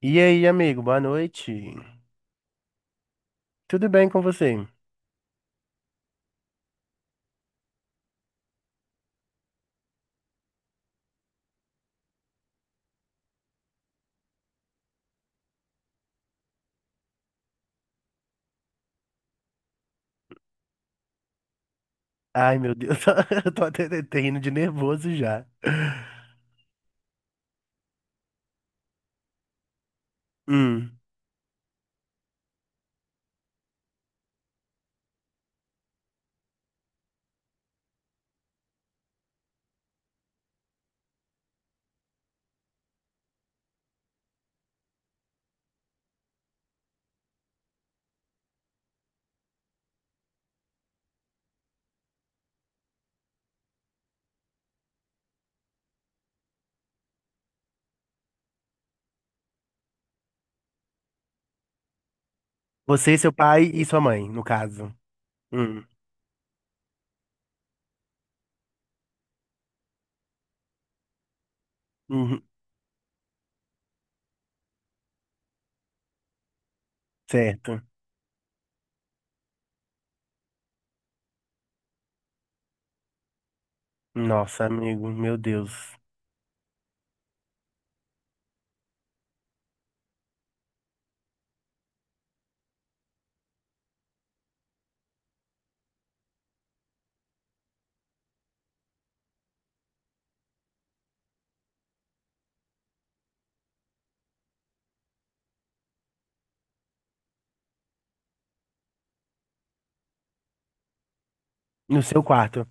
E aí, amigo, boa noite. Tudo bem com você? Ai, meu Deus, eu tô até rindo de nervoso já. Hum, você, seu pai e sua mãe, no caso. Hum, uhum, certo. Nossa, amigo, meu Deus. No seu quarto.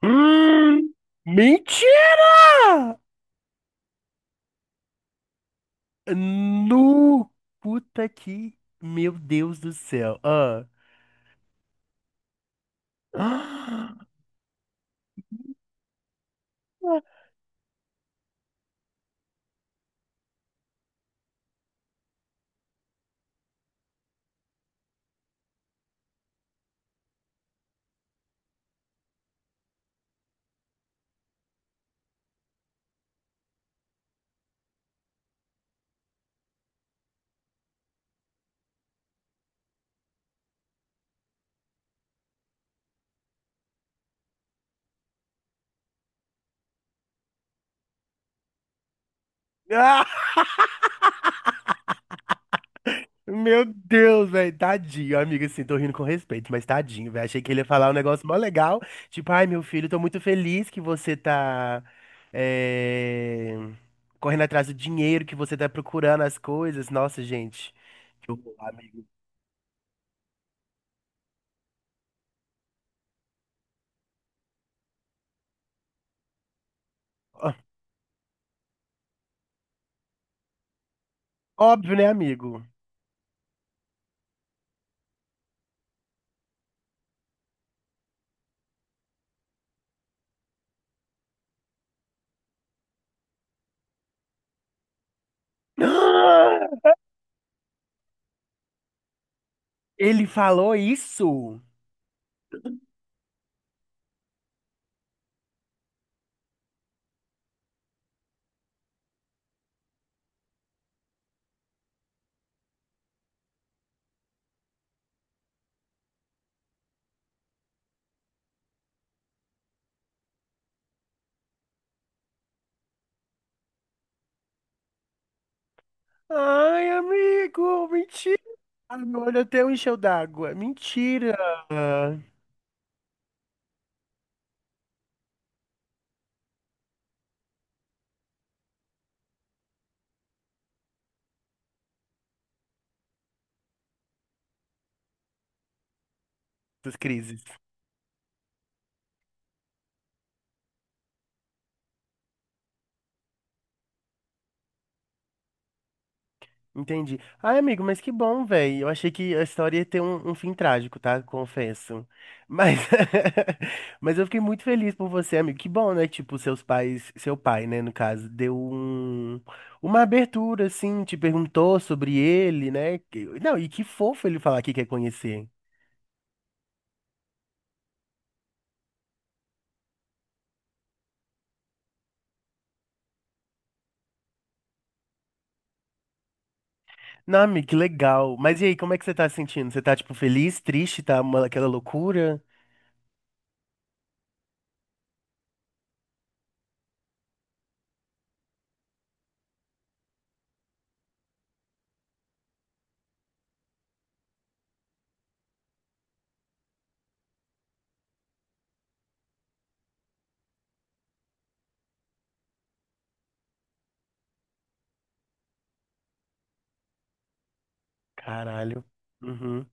Hum, mentira! No, puta que, meu Deus do céu. Ah. Ah! Meu Deus, velho, tadinho. Amiga, assim, tô rindo com respeito, mas tadinho, velho. Achei que ele ia falar um negócio mó legal. Tipo, ai, meu filho, tô muito feliz que você tá eh, correndo atrás do dinheiro, que você tá procurando as coisas. Nossa, gente. Que horror, amigo. Ó, óbvio, né, amigo? Ele falou isso? Ai, amigo, mentira. Ai, meu olho até encheu d'água. Mentira. Essas crises. Entendi. Ai, amigo, mas que bom, velho. Eu achei que a história ia ter um fim trágico, tá? Confesso. Mas, mas eu fiquei muito feliz por você, amigo. Que bom, né? Tipo, seus pais, seu pai, né, no caso, deu um, uma abertura, assim, te perguntou sobre ele, né? Que- não, e que fofo ele falar que quer conhecer. Não, amigo, que legal. Mas e aí, como é que você tá se sentindo? Você tá, tipo, feliz, triste, tá uma, aquela loucura? Caralho. Uhum.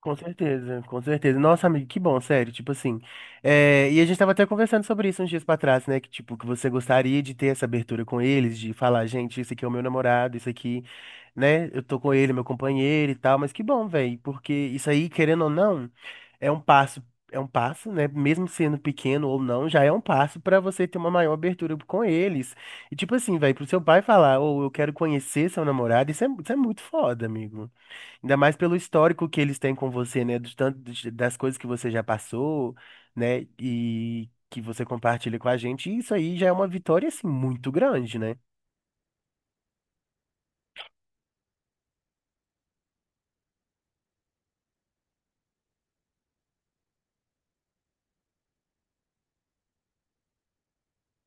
Com certeza, com certeza. Nossa, amigo, que bom, sério, tipo assim. É, e a gente tava até conversando sobre isso uns dias pra trás, né? Que, tipo, que você gostaria de ter essa abertura com eles, de falar, gente, esse aqui é o meu namorado, isso aqui, né? Eu tô com ele, meu companheiro e tal, mas que bom, velho, porque isso aí, querendo ou não, é um passo, é um passo, né? Mesmo sendo pequeno ou não, já é um passo pra você ter uma maior abertura com eles. E, tipo assim, velho, pro seu pai falar, ou eu quero conhecer seu namorado, isso é muito foda, amigo. Ainda mais pelo histórico que eles têm com você, né? Do tanto de- das coisas que você já passou, né? E que você compartilha com a gente. E isso aí já é uma vitória, assim, muito grande, né?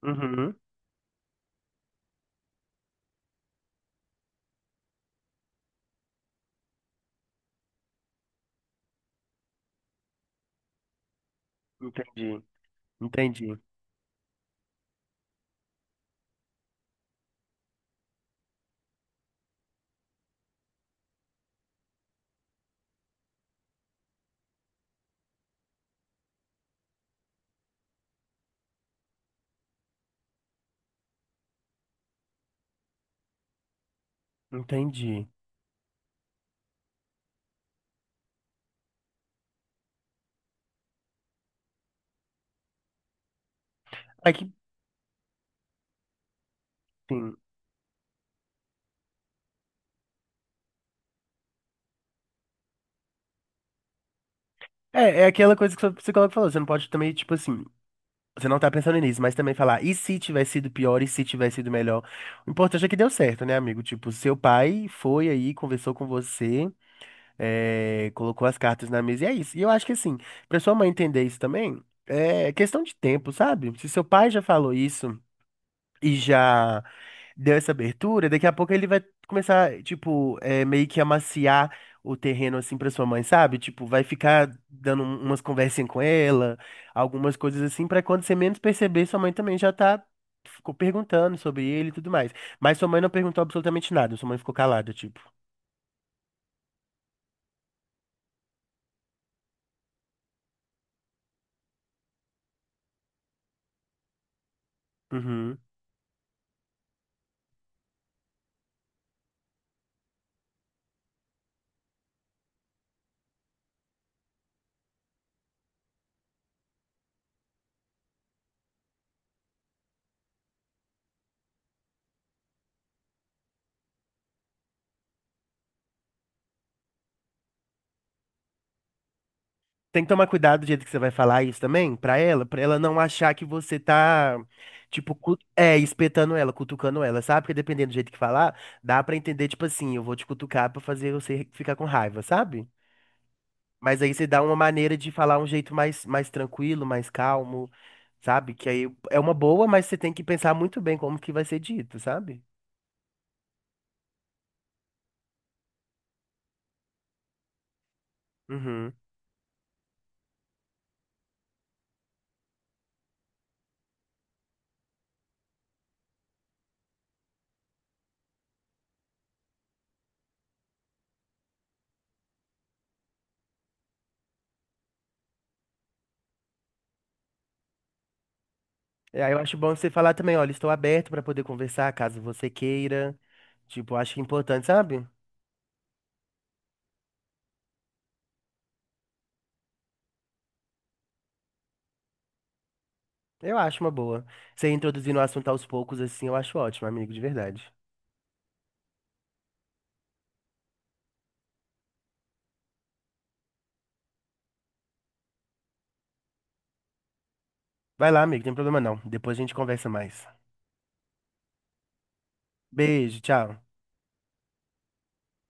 Uhum. Entendi. Entendi. Entendi. É que, sim. É, é aquela coisa que o seu psicólogo falou. Você não pode também, tipo assim. Você não tá pensando nisso, mas também falar, e se tivesse sido pior, e se tivesse sido melhor? O importante é que deu certo, né, amigo? Tipo, seu pai foi aí, conversou com você. É, colocou as cartas na mesa e é isso. E eu acho que assim, pra sua mãe entender isso também, é questão de tempo, sabe? Se seu pai já falou isso e já deu essa abertura, daqui a pouco ele vai começar, tipo, é, meio que amaciar o terreno assim pra sua mãe, sabe? Tipo, vai ficar dando um- umas conversinhas com ela, algumas coisas assim, pra quando você menos perceber, sua mãe também já tá ficou perguntando sobre ele e tudo mais. Mas sua mãe não perguntou absolutamente nada, sua mãe ficou calada, tipo. Uhum. Tem que tomar cuidado do jeito que você vai falar isso também pra ela não achar que você tá, tipo, cu- é, espetando ela, cutucando ela, sabe? Porque dependendo do jeito que falar, dá pra entender, tipo assim, eu vou te cutucar pra fazer você ficar com raiva, sabe? Mas aí você dá uma maneira de falar um jeito mais, mais tranquilo, mais calmo, sabe? Que aí é uma boa, mas você tem que pensar muito bem como que vai ser dito, sabe? Uhum. E aí eu acho bom você falar também, olha, estou aberto pra poder conversar caso você queira. Tipo, acho que é importante, sabe? Eu acho uma boa. Você introduzindo o assunto aos poucos, assim, eu acho ótimo, amigo, de verdade. Vai lá, amigo, não tem problema não. Depois a gente conversa mais. Beijo, tchau.